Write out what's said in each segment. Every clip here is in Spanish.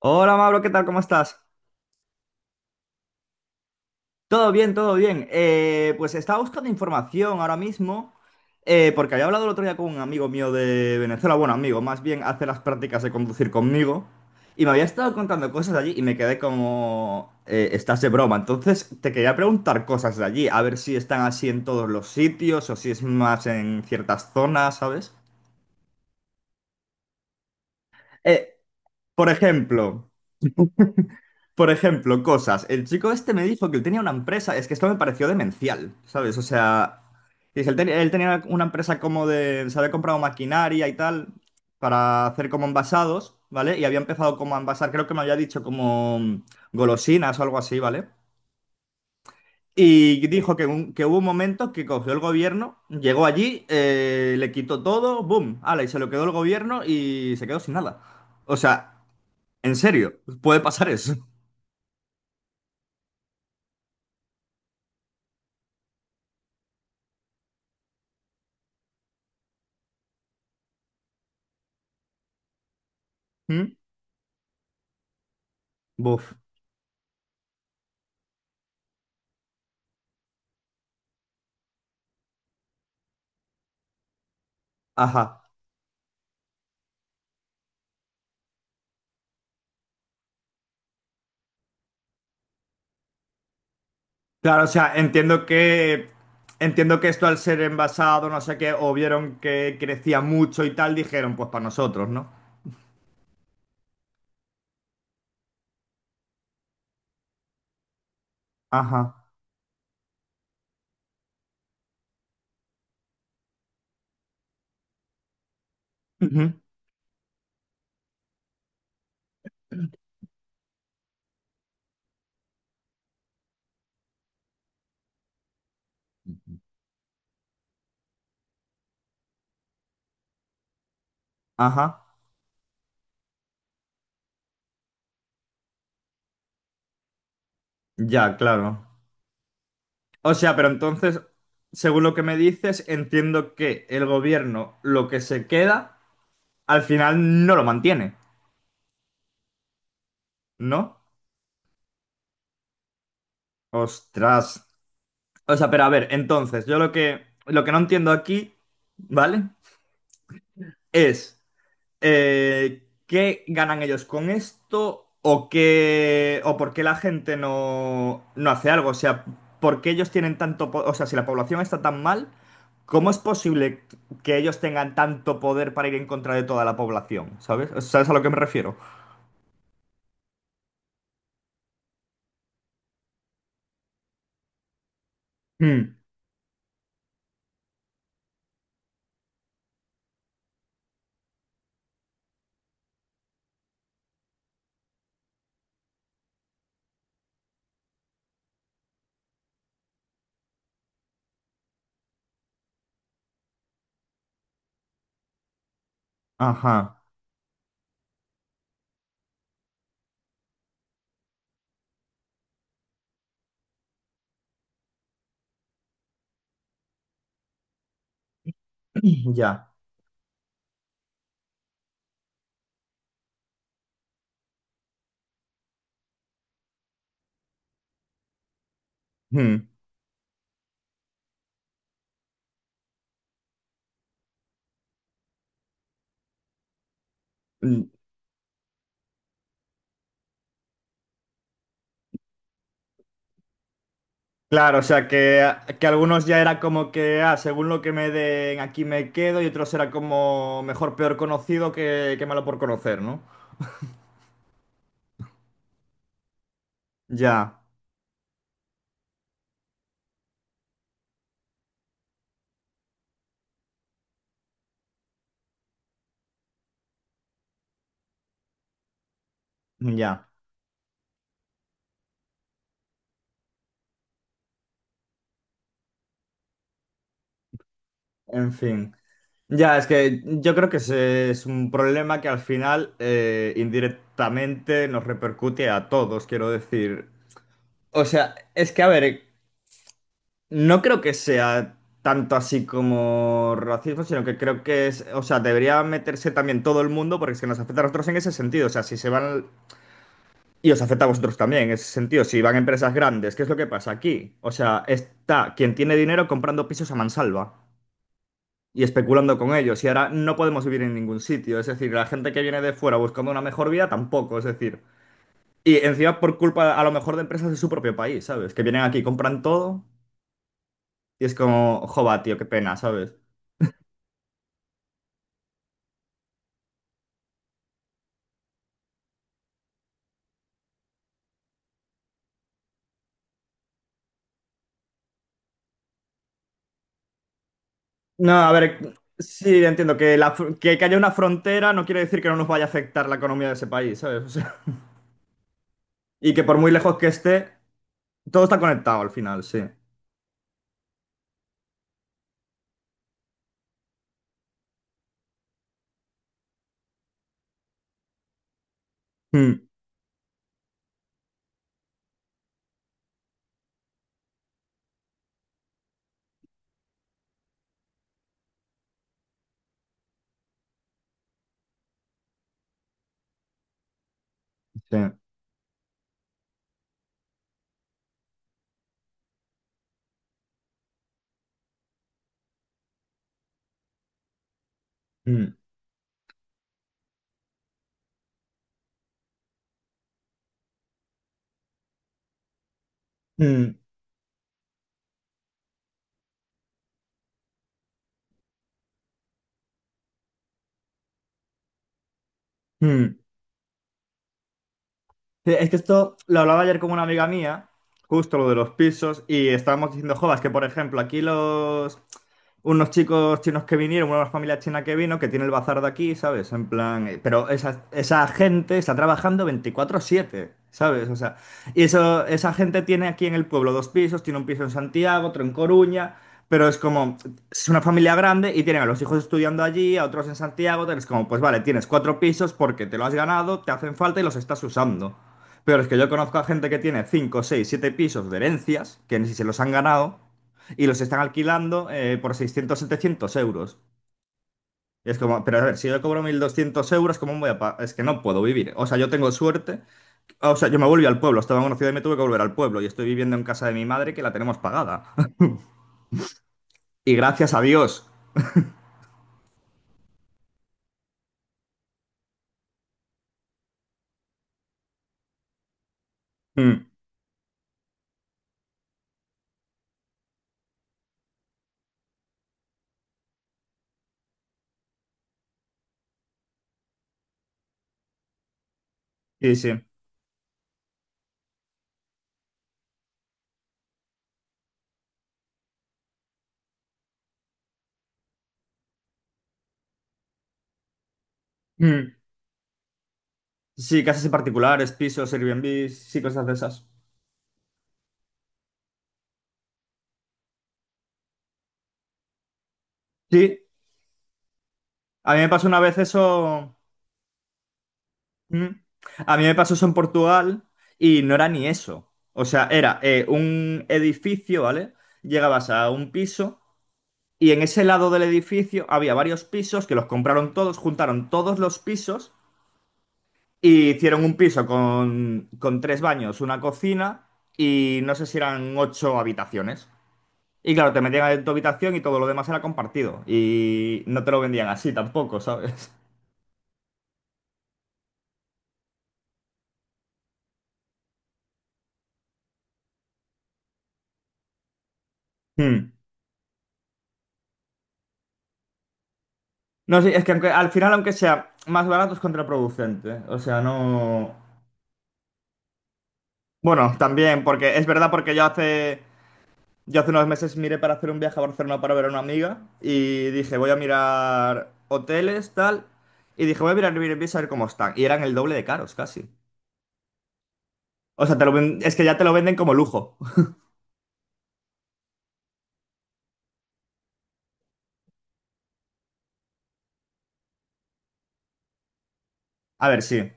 Hola Mauro, ¿qué tal? ¿Cómo estás? Todo bien, todo bien. Pues estaba buscando información ahora mismo, porque había hablado el otro día con un amigo mío de Venezuela, bueno, amigo, más bien hace las prácticas de conducir conmigo, y me había estado contando cosas de allí y me quedé como, estás de broma. Entonces te quería preguntar cosas de allí, a ver si están así en todos los sitios o si es más en ciertas zonas, ¿sabes? Eh, por ejemplo... Por ejemplo, cosas. El chico este me dijo que él tenía una empresa. Es que esto me pareció demencial, ¿sabes? O sea, dice, él, él tenía una empresa como de. Se había comprado maquinaria y tal para hacer como envasados, ¿vale? Y había empezado como a envasar, creo que me había dicho como golosinas o algo así, ¿vale? Y dijo que, que hubo un momento que cogió el gobierno, llegó allí, le quitó todo, ¡boom! ¡Hala! Y se lo quedó el gobierno y se quedó sin nada. O sea, en serio, puede pasar eso. ¿Mm? Buf. Ajá. Claro, o sea, entiendo que esto al ser envasado, no sé qué, o vieron que crecía mucho y tal, dijeron, pues para nosotros, ¿no? Ajá. Ujú. Ajá. Ya, claro. O sea, pero entonces, según lo que me dices, entiendo que el gobierno lo que se queda, al final no lo mantiene, ¿no? Ostras. O sea, pero a ver, entonces, yo lo que no entiendo aquí, ¿vale? Es. ¿Qué ganan ellos con esto? ¿O qué, o por qué la gente no, no hace algo? O sea, ¿por qué ellos tienen tanto, o sea, si la población está tan mal, ¿cómo es posible que ellos tengan tanto poder para ir en contra de toda la población? ¿Sabes? ¿Sabes a lo que me refiero? Mm, ajá, ya. Mm, mm. Claro, o sea, que algunos ya era como que, ah, según lo que me den, aquí me quedo, y otros era como mejor, peor conocido que malo por conocer, ¿no? Ya. Ya, en fin. Ya, es que yo creo que ese es un problema que al final indirectamente nos repercute a todos, quiero decir. O sea, es que, a ver, no creo que sea tanto así como racismo, sino que creo que es, o sea, debería meterse también todo el mundo porque es que nos afecta a nosotros en ese sentido. O sea, si se van, y os afecta a vosotros también en ese sentido, si van empresas grandes, ¿qué es lo que pasa aquí? O sea, está quien tiene dinero comprando pisos a mansalva y especulando con ellos. Y ahora no podemos vivir en ningún sitio. Es decir, la gente que viene de fuera buscando una mejor vida tampoco. Es decir, y encima por culpa a lo mejor de empresas de su propio país, ¿sabes? Que vienen aquí, compran todo y es como, joba, tío, qué pena, ¿sabes? No, a ver, sí, entiendo que, la, fr- que haya una frontera no quiere decir que no nos vaya a afectar la economía de ese país, ¿sabes? O sea, y que por muy lejos que esté, todo está conectado al final, sí. Mm, sí. Mm, mm, mm. Sí, es que esto lo hablaba ayer con una amiga mía, justo lo de los pisos, y estábamos diciendo, jovas, que por ejemplo, aquí los unos chicos chinos que vinieron, una familia china que vino, que tiene el bazar de aquí, ¿sabes? En plan, pero esa gente está trabajando 24/7, ¿sabes? O sea, y eso, esa gente tiene aquí en el pueblo dos pisos, tiene un piso en Santiago, otro en Coruña, pero es como, es una familia grande y tienen a los hijos estudiando allí, a otros en Santiago, tal, es como, pues vale, tienes cuatro pisos porque te lo has ganado, te hacen falta y los estás usando. Pero es que yo conozco a gente que tiene 5 6 7 pisos de herencias, que ni si se los han ganado, y los están alquilando por 600-700 euros. Y es como, pero a ver, si yo cobro 1200 euros, ¿cómo voy a pagar? Es que no puedo vivir. O sea, yo tengo suerte. O sea, yo me volví al pueblo, estaba en una ciudad y me tuve que volver al pueblo, y estoy viviendo en casa de mi madre que la tenemos pagada. Y gracias a Dios. Mm, sí, sí. Mm. Sí, casas en particulares, pisos, Airbnb, sí, cosas de esas. Sí, a mí me pasó una vez eso. Mm. A mí me pasó eso en Portugal y no era ni eso. O sea, era un edificio, ¿vale? Llegabas a un piso y en ese lado del edificio había varios pisos que los compraron todos, juntaron todos los pisos y hicieron un piso con tres baños, una cocina y no sé si eran ocho habitaciones. Y claro, te metían en tu habitación y todo lo demás era compartido. Y no te lo vendían así tampoco, ¿sabes? Mm. No, sí, es que al final, aunque sea más barato, es contraproducente. O sea, no. Bueno, también, porque es verdad, porque yo hace unos meses miré para hacer un viaje a Barcelona para ver a una amiga y dije, voy a mirar hoteles, tal. Y dije, voy a mirar Airbnb a ver cómo están. Y eran el doble de caros, casi. O sea, es que ya te lo venden como lujo. A ver, sí.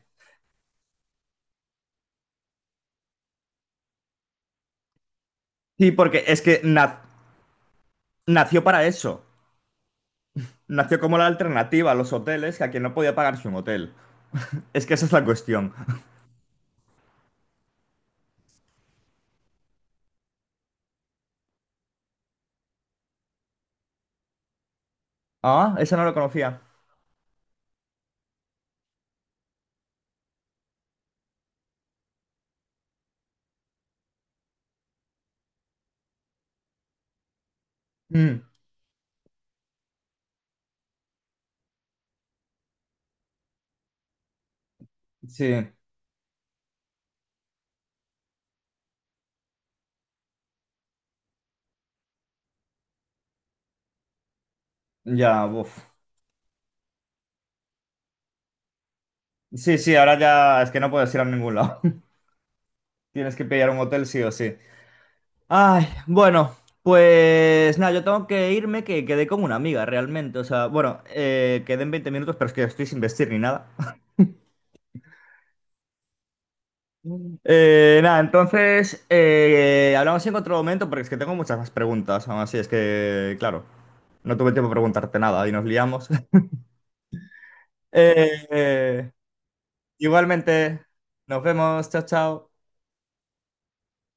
Sí, porque es que nació para eso. Nació como la alternativa a los hoteles, que a quien no podía pagarse un hotel. Es que esa es la cuestión. Ah, esa no lo conocía. Mm, sí, ya, uff. Sí, sí, ahora ya es que no puedes ir a ningún lado. Tienes que pillar un hotel sí o sí. Ay, bueno, pues nada, yo tengo que irme, que quedé con una amiga realmente. O sea, bueno, quedé en 20 minutos, pero es que estoy sin vestir ni nada. Nada, entonces, hablamos en otro momento porque es que tengo muchas más preguntas. Aún así, es que, claro, no tuve tiempo de preguntarte nada y nos liamos. Eh, eh, Igualmente, nos vemos, chao, chao.